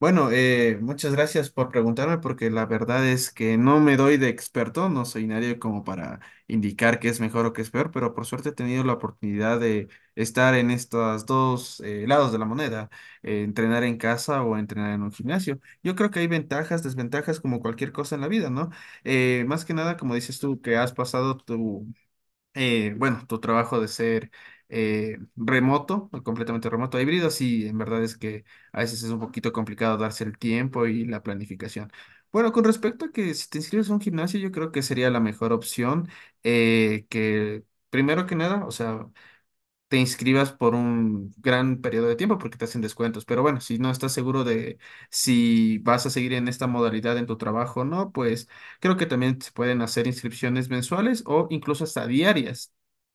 Bueno, muchas gracias por preguntarme porque la verdad es que no me doy de experto, no soy nadie como para indicar qué es mejor o qué es peor, pero por suerte he tenido la oportunidad de estar en estos dos lados de la moneda, entrenar en casa o entrenar en un gimnasio. Yo creo que hay ventajas, desventajas como cualquier cosa en la vida, ¿no? Más que nada, como dices tú, que has pasado tu trabajo de ser remoto, o completamente remoto, híbrido, sí, en verdad es que a veces es un poquito complicado darse el tiempo y la planificación. Bueno, con respecto a que si te inscribes a un gimnasio, yo creo que sería la mejor opción que, primero que nada, o sea, te inscribas por un gran periodo de tiempo porque te hacen descuentos. Pero bueno, si no estás seguro de si vas a seguir en esta modalidad en tu trabajo o no, pues creo que también se pueden hacer inscripciones mensuales o incluso hasta diarias.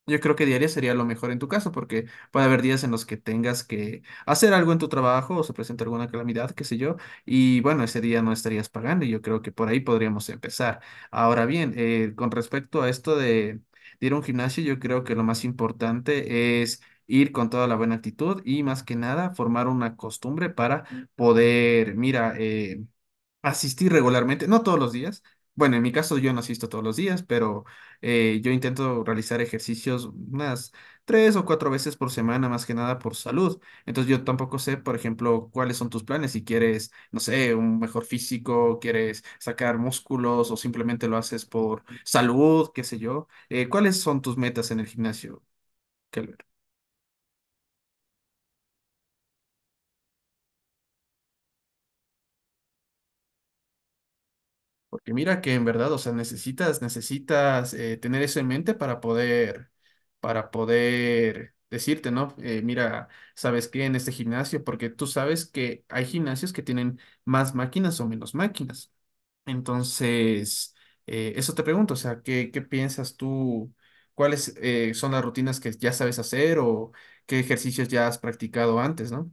Yo creo que diarias sería lo mejor en tu caso porque puede haber días en los que tengas que hacer algo en tu trabajo o se presenta alguna calamidad, qué sé yo, y bueno, ese día no estarías pagando y yo creo que por ahí podríamos empezar. Ahora bien, con respecto a esto de ir a un gimnasio, yo creo que lo más importante es ir con toda la buena actitud y más que nada formar una costumbre para poder, mira, asistir regularmente, no todos los días. Bueno, en mi caso yo no asisto todos los días, pero yo intento realizar ejercicios unas 3 o 4 veces por semana, más que nada por salud. Entonces yo tampoco sé, por ejemplo, cuáles son tus planes, si quieres, no sé, un mejor físico, quieres sacar músculos o simplemente lo haces por salud, qué sé yo. ¿Cuáles son tus metas en el gimnasio? Que mira que en verdad, o sea, necesitas tener eso en mente para poder decirte, ¿no? Mira, ¿sabes qué? En este gimnasio, porque tú sabes que hay gimnasios que tienen más máquinas o menos máquinas. Entonces, eso te pregunto, o sea, ¿qué piensas tú? ¿Cuáles son las rutinas que ya sabes hacer o qué ejercicios ya has practicado antes, no?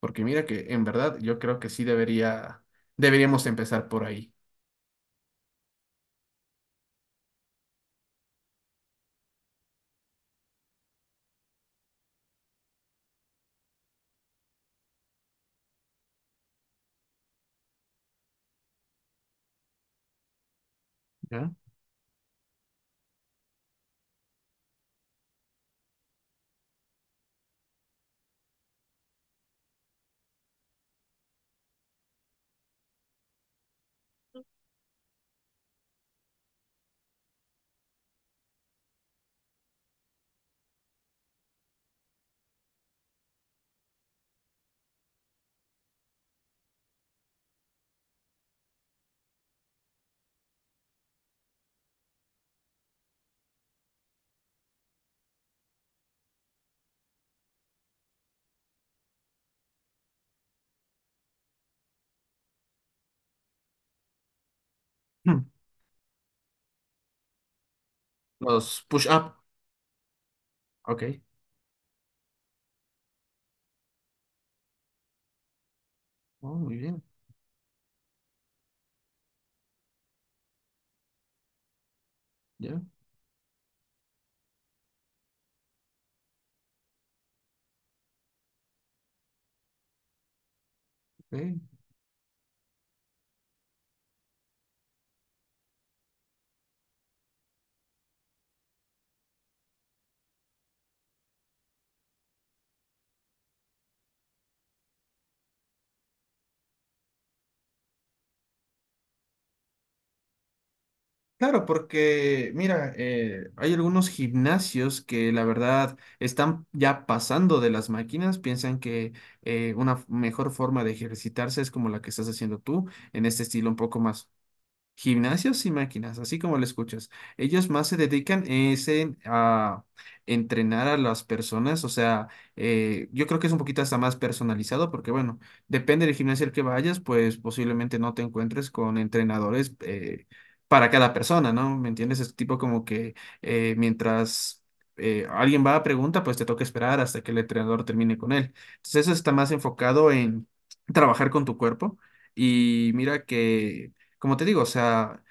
Porque mira que en verdad yo creo que deberíamos empezar por ahí. ¿Ya? Los push-up. Ok. Oh, muy bien. Ya. Ok. Claro, porque mira, hay algunos gimnasios que la verdad están ya pasando de las máquinas, piensan que una mejor forma de ejercitarse es como la que estás haciendo tú, en este estilo un poco más. Gimnasios y máquinas, así como lo escuchas. Ellos más se dedican es en, a entrenar a las personas, o sea, yo creo que es un poquito hasta más personalizado porque, bueno, depende del gimnasio al que vayas, pues posiblemente no te encuentres con entrenadores para cada persona, ¿no? ¿Me entiendes? Es tipo como que mientras alguien va a pregunta, pues te toca esperar hasta que el entrenador termine con él. Entonces eso está más enfocado en trabajar con tu cuerpo. Y mira que como te digo, o sea,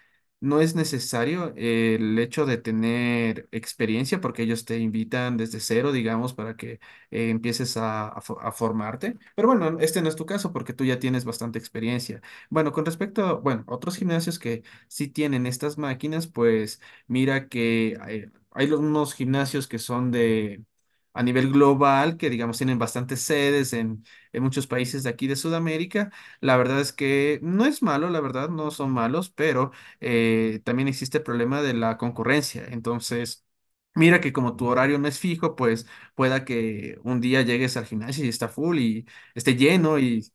no es necesario el hecho de tener experiencia porque ellos te invitan desde cero, digamos, para que empieces a formarte. Pero bueno, este no es tu caso porque tú ya tienes bastante experiencia. Bueno, con respecto a, bueno, otros gimnasios que sí tienen estas máquinas, pues mira que hay, unos gimnasios que son de a nivel global, que digamos tienen bastantes sedes en muchos países de aquí de Sudamérica. La verdad es que no es malo, la verdad, no son malos, pero también existe el problema de la concurrencia. Entonces, mira que como tu horario no es fijo, pues pueda que un día llegues al gimnasio y está full y esté lleno y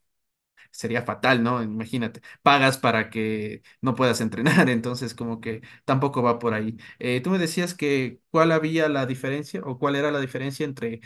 sería fatal, ¿no? Imagínate, pagas para que no puedas entrenar, entonces como que tampoco va por ahí. Tú me decías que cuál había la diferencia o cuál era la diferencia entre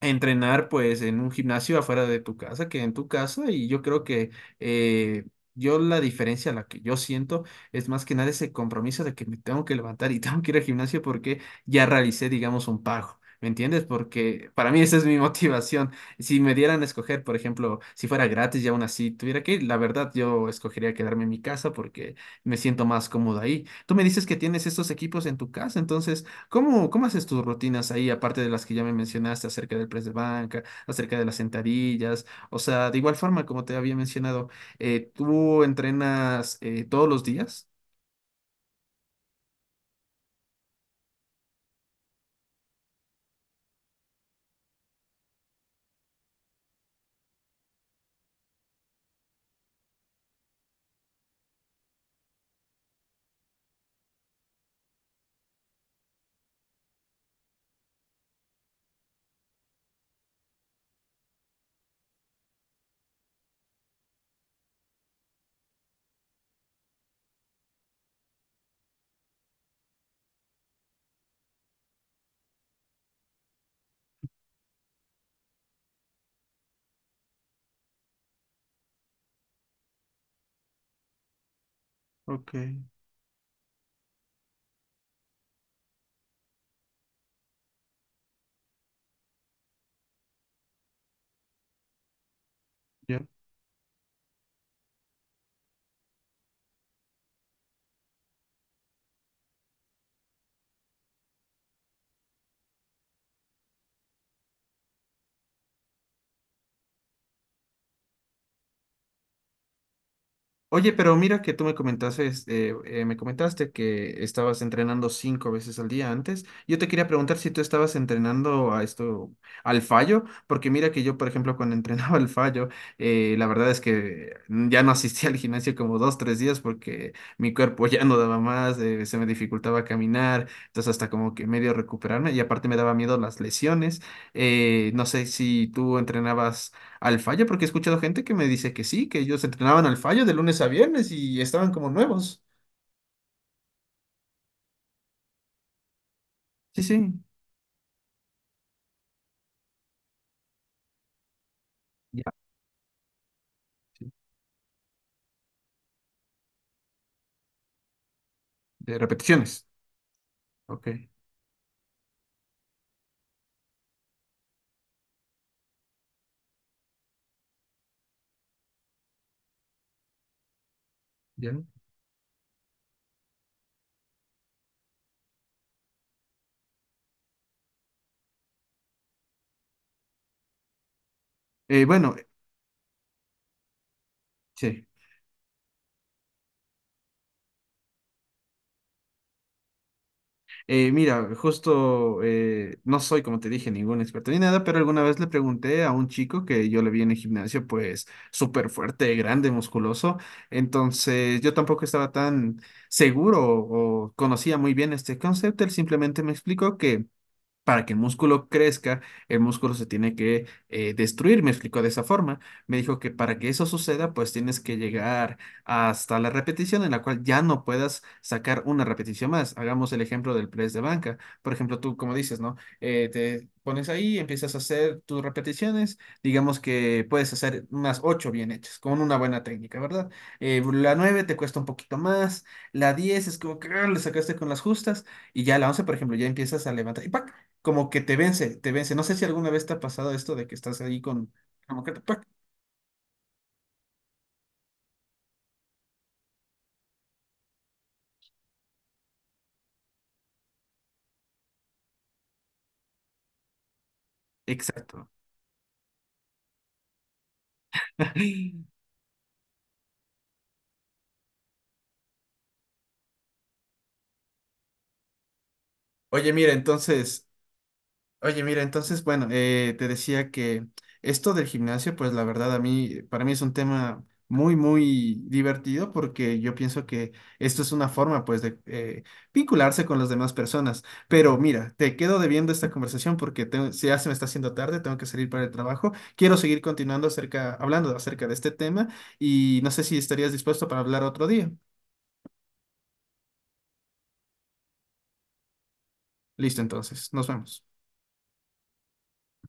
entrenar pues en un gimnasio afuera de tu casa que en tu casa y yo creo que eh, yo la diferencia la que yo siento es más que nada ese compromiso de que me tengo que levantar y tengo que ir al gimnasio porque ya realicé digamos un pago. ¿Me entiendes? Porque para mí esa es mi motivación. Si me dieran a escoger, por ejemplo, si fuera gratis y aún así tuviera que ir, la verdad yo escogería quedarme en mi casa porque me siento más cómodo ahí. Tú me dices que tienes estos equipos en tu casa, entonces ¿cómo, cómo haces tus rutinas ahí, aparte de las que ya me mencionaste acerca del press de banca, acerca de las sentadillas? O sea, de igual forma, como te había mencionado, ¿tú entrenas todos los días? Ok, ya. Oye, pero mira que tú me comentaste que estabas entrenando 5 veces al día antes. Yo te quería preguntar si tú estabas entrenando a esto, al fallo, porque mira que yo, por ejemplo, cuando entrenaba al fallo, la verdad es que ya no asistía al gimnasio como dos, tres días porque mi cuerpo ya no daba más, se me dificultaba caminar, entonces hasta como que medio recuperarme y aparte me daba miedo las lesiones. No sé si tú entrenabas. Al fallo, porque he escuchado gente que me dice que sí, que ellos entrenaban al fallo de lunes a viernes y estaban como nuevos. Sí, sí. Ya. Sí. De repeticiones. Ok, ya. Bueno, sí. Mira, justo no soy, como te dije, ningún experto ni nada, pero alguna vez le pregunté a un chico que yo le vi en el gimnasio, pues súper fuerte, grande, musculoso. Entonces yo tampoco estaba tan seguro o conocía muy bien este concepto. Él simplemente me explicó que para que el músculo crezca, el músculo se tiene que destruir, me explicó de esa forma. Me dijo que para que eso suceda, pues tienes que llegar hasta la repetición en la cual ya no puedas sacar una repetición más. Hagamos el ejemplo del press de banca. Por ejemplo, tú, como dices, ¿no? Te pones ahí, empiezas a hacer tus repeticiones. Digamos que puedes hacer unas ocho bien hechas, con una buena técnica, ¿verdad? La nueve te cuesta un poquito más. La diez es como que ah, le sacaste con las justas. Y ya la 11 por ejemplo, ya empiezas a levantar. Y ¡pac! Como que te vence, te vence. No sé si alguna vez te ha pasado esto de que estás ahí con... como que te... ¡pac! Exacto. Oye, mira, entonces, Oye, mira, entonces, bueno, te decía que esto del gimnasio, pues la verdad a mí, para mí es un tema muy, muy divertido porque yo pienso que esto es una forma, pues, de vincularse con las demás personas. Pero mira, te quedo debiendo esta conversación porque si ya se me está haciendo tarde, tengo que salir para el trabajo. Quiero seguir continuando hablando acerca de este tema y no sé si estarías dispuesto para hablar otro día. Listo, entonces, nos vemos.